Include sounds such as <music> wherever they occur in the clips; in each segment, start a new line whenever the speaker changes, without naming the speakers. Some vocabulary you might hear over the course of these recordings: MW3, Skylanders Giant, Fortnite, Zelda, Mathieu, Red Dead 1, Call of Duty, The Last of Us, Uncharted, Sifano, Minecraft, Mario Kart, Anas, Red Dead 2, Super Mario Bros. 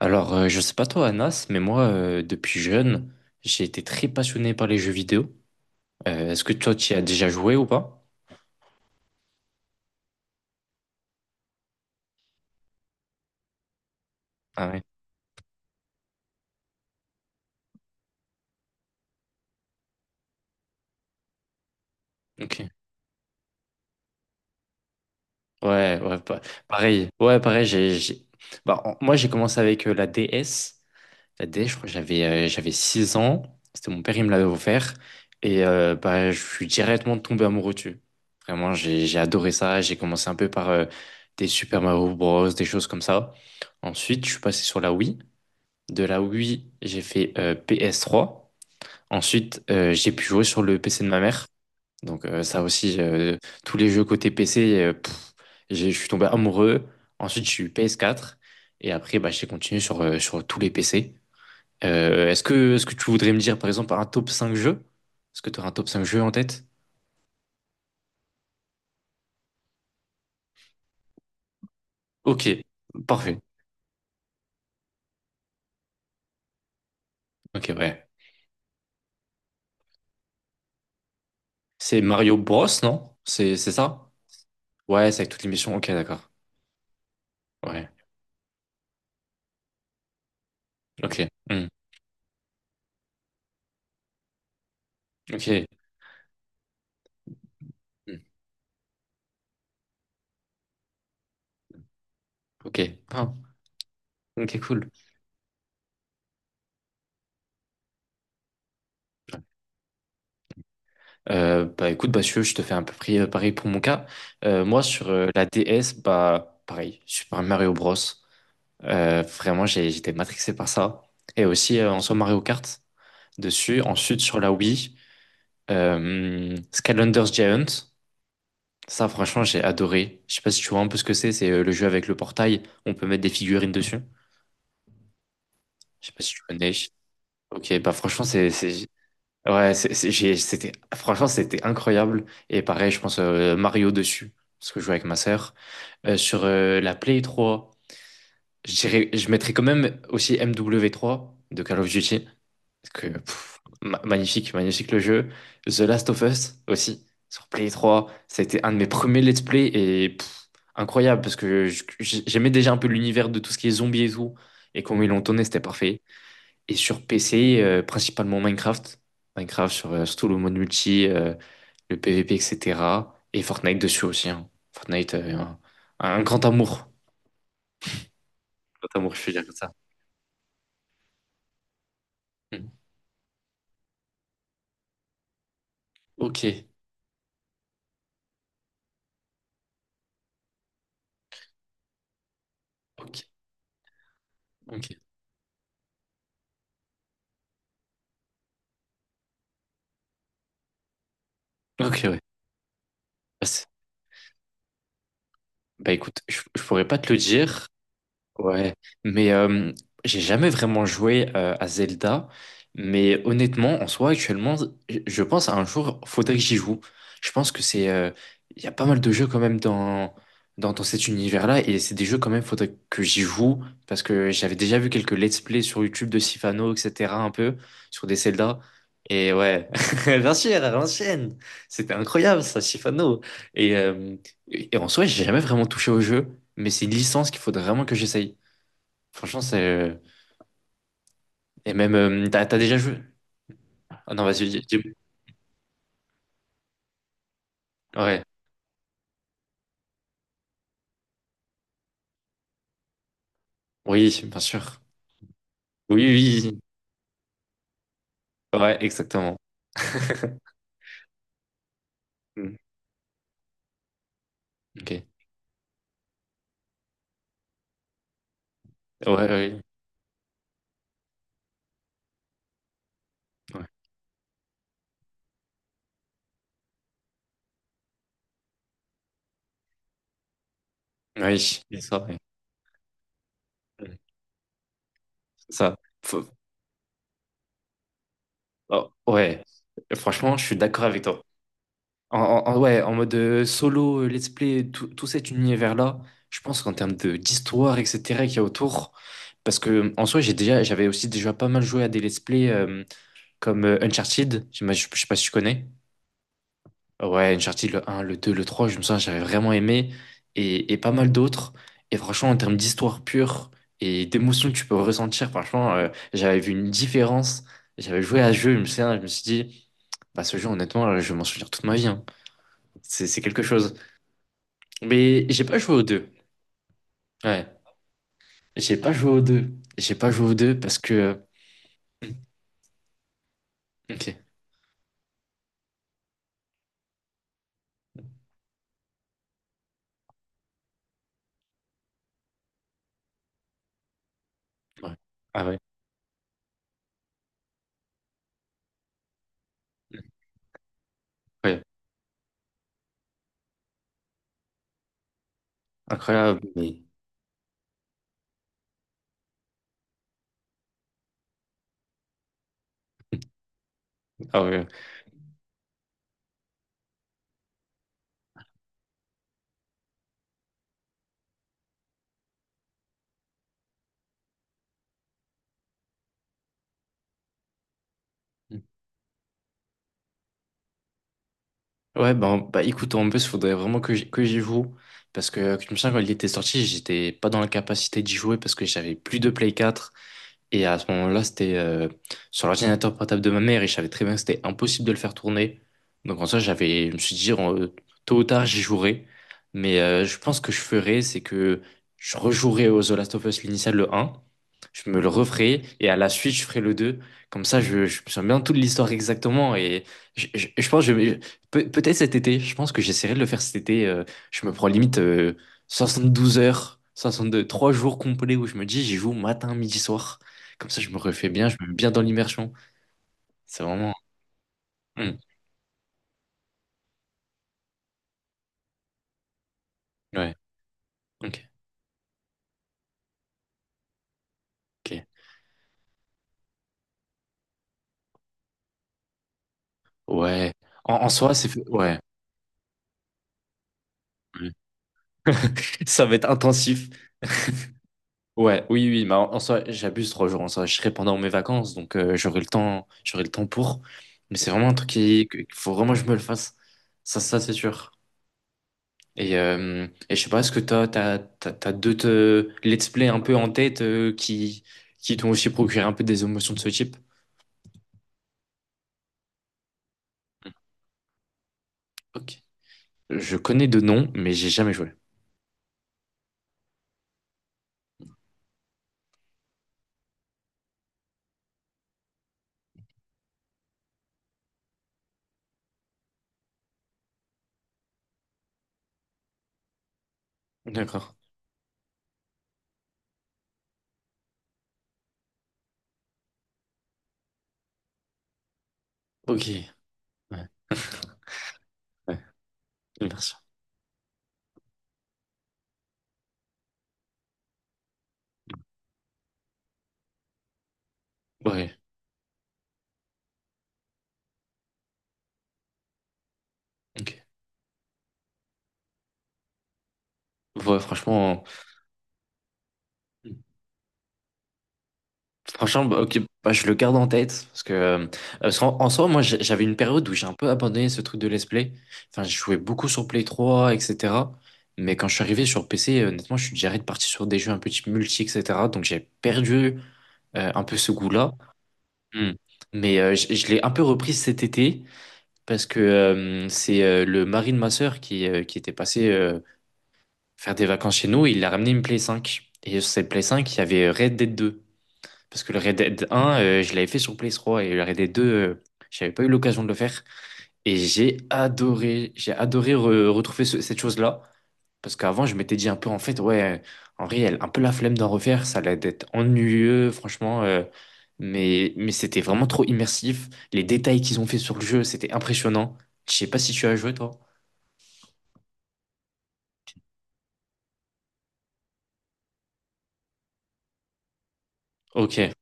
Alors, je sais pas toi, Anas, mais moi, depuis jeune, j'ai été très passionné par les jeux vidéo. Est-ce que toi, tu y as déjà joué ou pas? Ah ouais, ok. Ouais, ouais, pareil. Ouais, pareil, bah, moi, j'ai commencé avec la DS. La DS, je crois que j'avais 6 ans. C'était mon père, il me l'avait offert. Et bah, je suis directement tombé amoureux dessus. Vraiment, j'ai adoré ça. J'ai commencé un peu par des Super Mario Bros, des choses comme ça. Ensuite, je suis passé sur la Wii. De la Wii, j'ai fait PS3. Ensuite, j'ai pu jouer sur le PC de ma mère. Donc ça aussi, tous les jeux côté PC, je suis tombé amoureux. Ensuite, je suis PS4. Et après, bah, j'ai continué sur, sur tous les PC. Est-ce que tu voudrais me dire, par exemple, un top cinq jeux? Est-ce que tu aurais un top 5 jeux en tête? Ok, parfait. Ok, ouais. C'est Mario Bros, non? C'est ça? Ouais, c'est avec toutes les missions. Ok, d'accord. Ouais. Ok. Hmm. Ok. Hmm. Ok. Ah. Ok, cool. Bah écoute, bah Mathieu, je te fais un peu près pareil pour mon cas. Moi, sur la DS, bah pareil, Super Mario Bros. Vraiment, j'étais matrixé par ça. Et aussi, en soi, Mario Kart dessus. Ensuite, sur la Wii, Skylanders Giant. Ça, franchement, j'ai adoré. Je sais pas si tu vois un peu ce que c'est. C'est le jeu avec le portail. On peut mettre des figurines dessus. Je sais pas si tu connais. Ok, bah franchement, ouais, c'était franchement c'était incroyable, et pareil je pense Mario dessus, parce que je jouais avec ma sœur. Sur la Play 3, je mettrais quand même aussi MW3 de Call of Duty parce que magnifique, magnifique le jeu. The Last of Us aussi sur Play 3, ça a été un de mes premiers let's play et incroyable parce que j'aimais déjà un peu l'univers de tout ce qui est zombies et tout, et comment ils l'ont tourné c'était parfait. Et sur PC, principalement Minecraft. Minecraft sur surtout le mode multi, le PvP, etc. Et cetera. Et Fortnite dessus aussi, hein. Fortnite, un grand amour. Grand amour, je peux dire comme ça. Mm. Ok, ok, ok. Ok, ouais. Bah, c'est- bah, écoute, je pourrais pas te le dire. Ouais, mais j'ai jamais vraiment joué à Zelda, mais honnêtement, en soi, actuellement, je pense à un jour, faudrait que j'y joue. Je pense que c'est, il y a pas mal de jeux quand même dans cet univers-là, et c'est des jeux quand même, faudrait que j'y joue, parce que j'avais déjà vu quelques let's play sur YouTube de Sifano, etc., un peu, sur des Zelda, et ouais, <laughs> bien sûr, à l'ancienne, c'était incroyable ça, Sifano, et euh, et en soi, j'ai jamais vraiment touché au jeu, mais c'est une licence qu'il faudrait vraiment que j'essaye. Franchement, c'est. Et même, t'as, t'as déjà joué? Ah non, vas-y, dis- Ouais. Oui, bien sûr. Oui, oui, oui. Ouais, exactement. Mm. Ok. Ouais, ouais. Ouais. Ouais, oui, c'est ça. Ouais. Mm. C'est ça. Faut- oh, ouais. Franchement, je suis d'accord avec toi. Ouais, en mode solo, let's play, tout cet univers-là, je pense qu'en termes de d'histoire, etc., qu'il y a autour, parce que en soi, j'avais aussi déjà pas mal joué à des let's play comme Uncharted, je sais pas si tu connais. Ouais, Uncharted, le un, le deux, le trois, je me souviens, j'avais vraiment aimé, et pas mal d'autres. Et franchement, en termes d'histoire pure et d'émotion que tu peux ressentir, franchement, j'avais vu une différence. J'avais joué à ce jeu, je me souviens, je me suis dit, bah, ce jeu, honnêtement, je vais m'en souvenir toute ma vie, hein. C'est quelque chose. Mais j'ai pas joué aux deux. Ouais. J'ai pas joué aux deux. J'ai pas joué aux deux parce que. <clears throat> euh, Ok. Ouais. Ah ouais. Ouais. Incroyable. <laughs> Ah ouais. Ouais, ben, bah écoute, en plus, il faudrait vraiment que j'y joue. Parce que, je me ça, quand il était sorti, j'étais pas dans la capacité d'y jouer parce que j'avais plus de Play 4. Et à ce moment-là, c'était sur l'ordinateur portable de ma mère et je savais très bien que c'était impossible de le faire tourner. Donc en soi, je me suis dit, tôt ou tard, j'y jouerai. Mais je pense que je ferai, c'est que je rejouerai au The Last of Us l'initial, le un. Je me le referai et à la suite, je ferai le deux. Comme ça, je me souviens bien toute l'histoire exactement. Et je pense, que je, peut-être cet été, je pense que j'essaierai de le faire cet été. Je me prends limite 12 heures, 62 3 jours complets où je me dis, j'y joue matin, midi, soir. Comme ça, je me refais bien, je me mets bien dans l'immersion. C'est vraiment. Hmm. Ouais. Ok. Ok. Ouais. En soi, c'est. Ouais. Ouais. <laughs> Ça va être intensif. Ouais. Oui, oui, oui, mais en soi, j'abuse trois jours. En soi, je serai pendant mes vacances, donc j'aurai le temps. J'aurai le temps pour. Mais c'est vraiment un truc qu'il faut vraiment que je me le fasse. Ça, c'est sûr. Et, et je sais pas, est-ce que t'as d'autres let's play un peu en tête, qui t'ont aussi procuré un peu des émotions de ce type? Ok. Je connais de noms, mais j'ai jamais joué. D'accord. Ok, ouais, ouais, immersion. Ouais, ok. Ouais, franchement, franchement, bah, ok, bah, je le garde en tête, parce que, parce qu'en soi, moi, j'avais une période où j'ai un peu abandonné ce truc de let's play. Enfin, je jouais beaucoup sur Play 3, etc. Mais quand je suis arrivé sur PC, honnêtement, je suis déjà reparti sur des jeux un peu type multi, etc. Donc, j'ai perdu un peu ce goût-là. Hmm. Mais je l'ai un peu repris cet été parce que c'est le mari de ma sœur, qui était passé, faire des vacances chez nous, et il a ramené une Play 5. Et sur cette Play 5, il y avait Red Dead 2. Parce que le Red Dead 1, je l'avais fait sur Play 3 et le Red Dead 2, j'avais pas eu l'occasion de le faire. Et j'ai adoré retrouver cette chose-là. Parce qu'avant, je m'étais dit un peu, en fait, ouais, en réel, un peu la flemme d'en refaire, ça allait être ennuyeux, franchement. Mais c'était vraiment trop immersif. Les détails qu'ils ont fait sur le jeu, c'était impressionnant. Je sais pas si tu as joué, toi. Ok.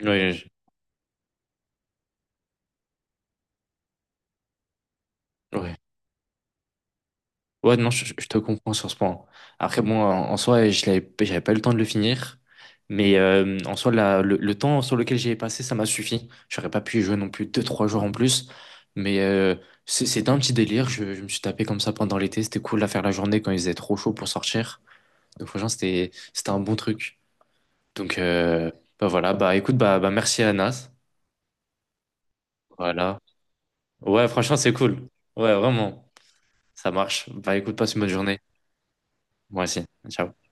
Ouais, je- ouais. Ouais, non, je te comprends sur ce point. Après, bon, en soi, j'avais pas eu le temps de le finir. Mais en soi, le temps sur lequel j'y ai passé, ça m'a suffi. J'aurais pas pu y jouer non plus deux, trois jours en plus. Mais c'était un petit délire. Je me suis tapé comme ça pendant l'été. C'était cool à faire la journée quand il faisait trop chaud pour sortir. Donc, franchement, c'était un bon truc. Donc, bah voilà. Bah écoute, bah merci, Anas. Voilà. Ouais, franchement, c'est cool. Ouais, vraiment. Ça marche. Bah écoute, passe une bonne journée. Moi aussi. Ciao.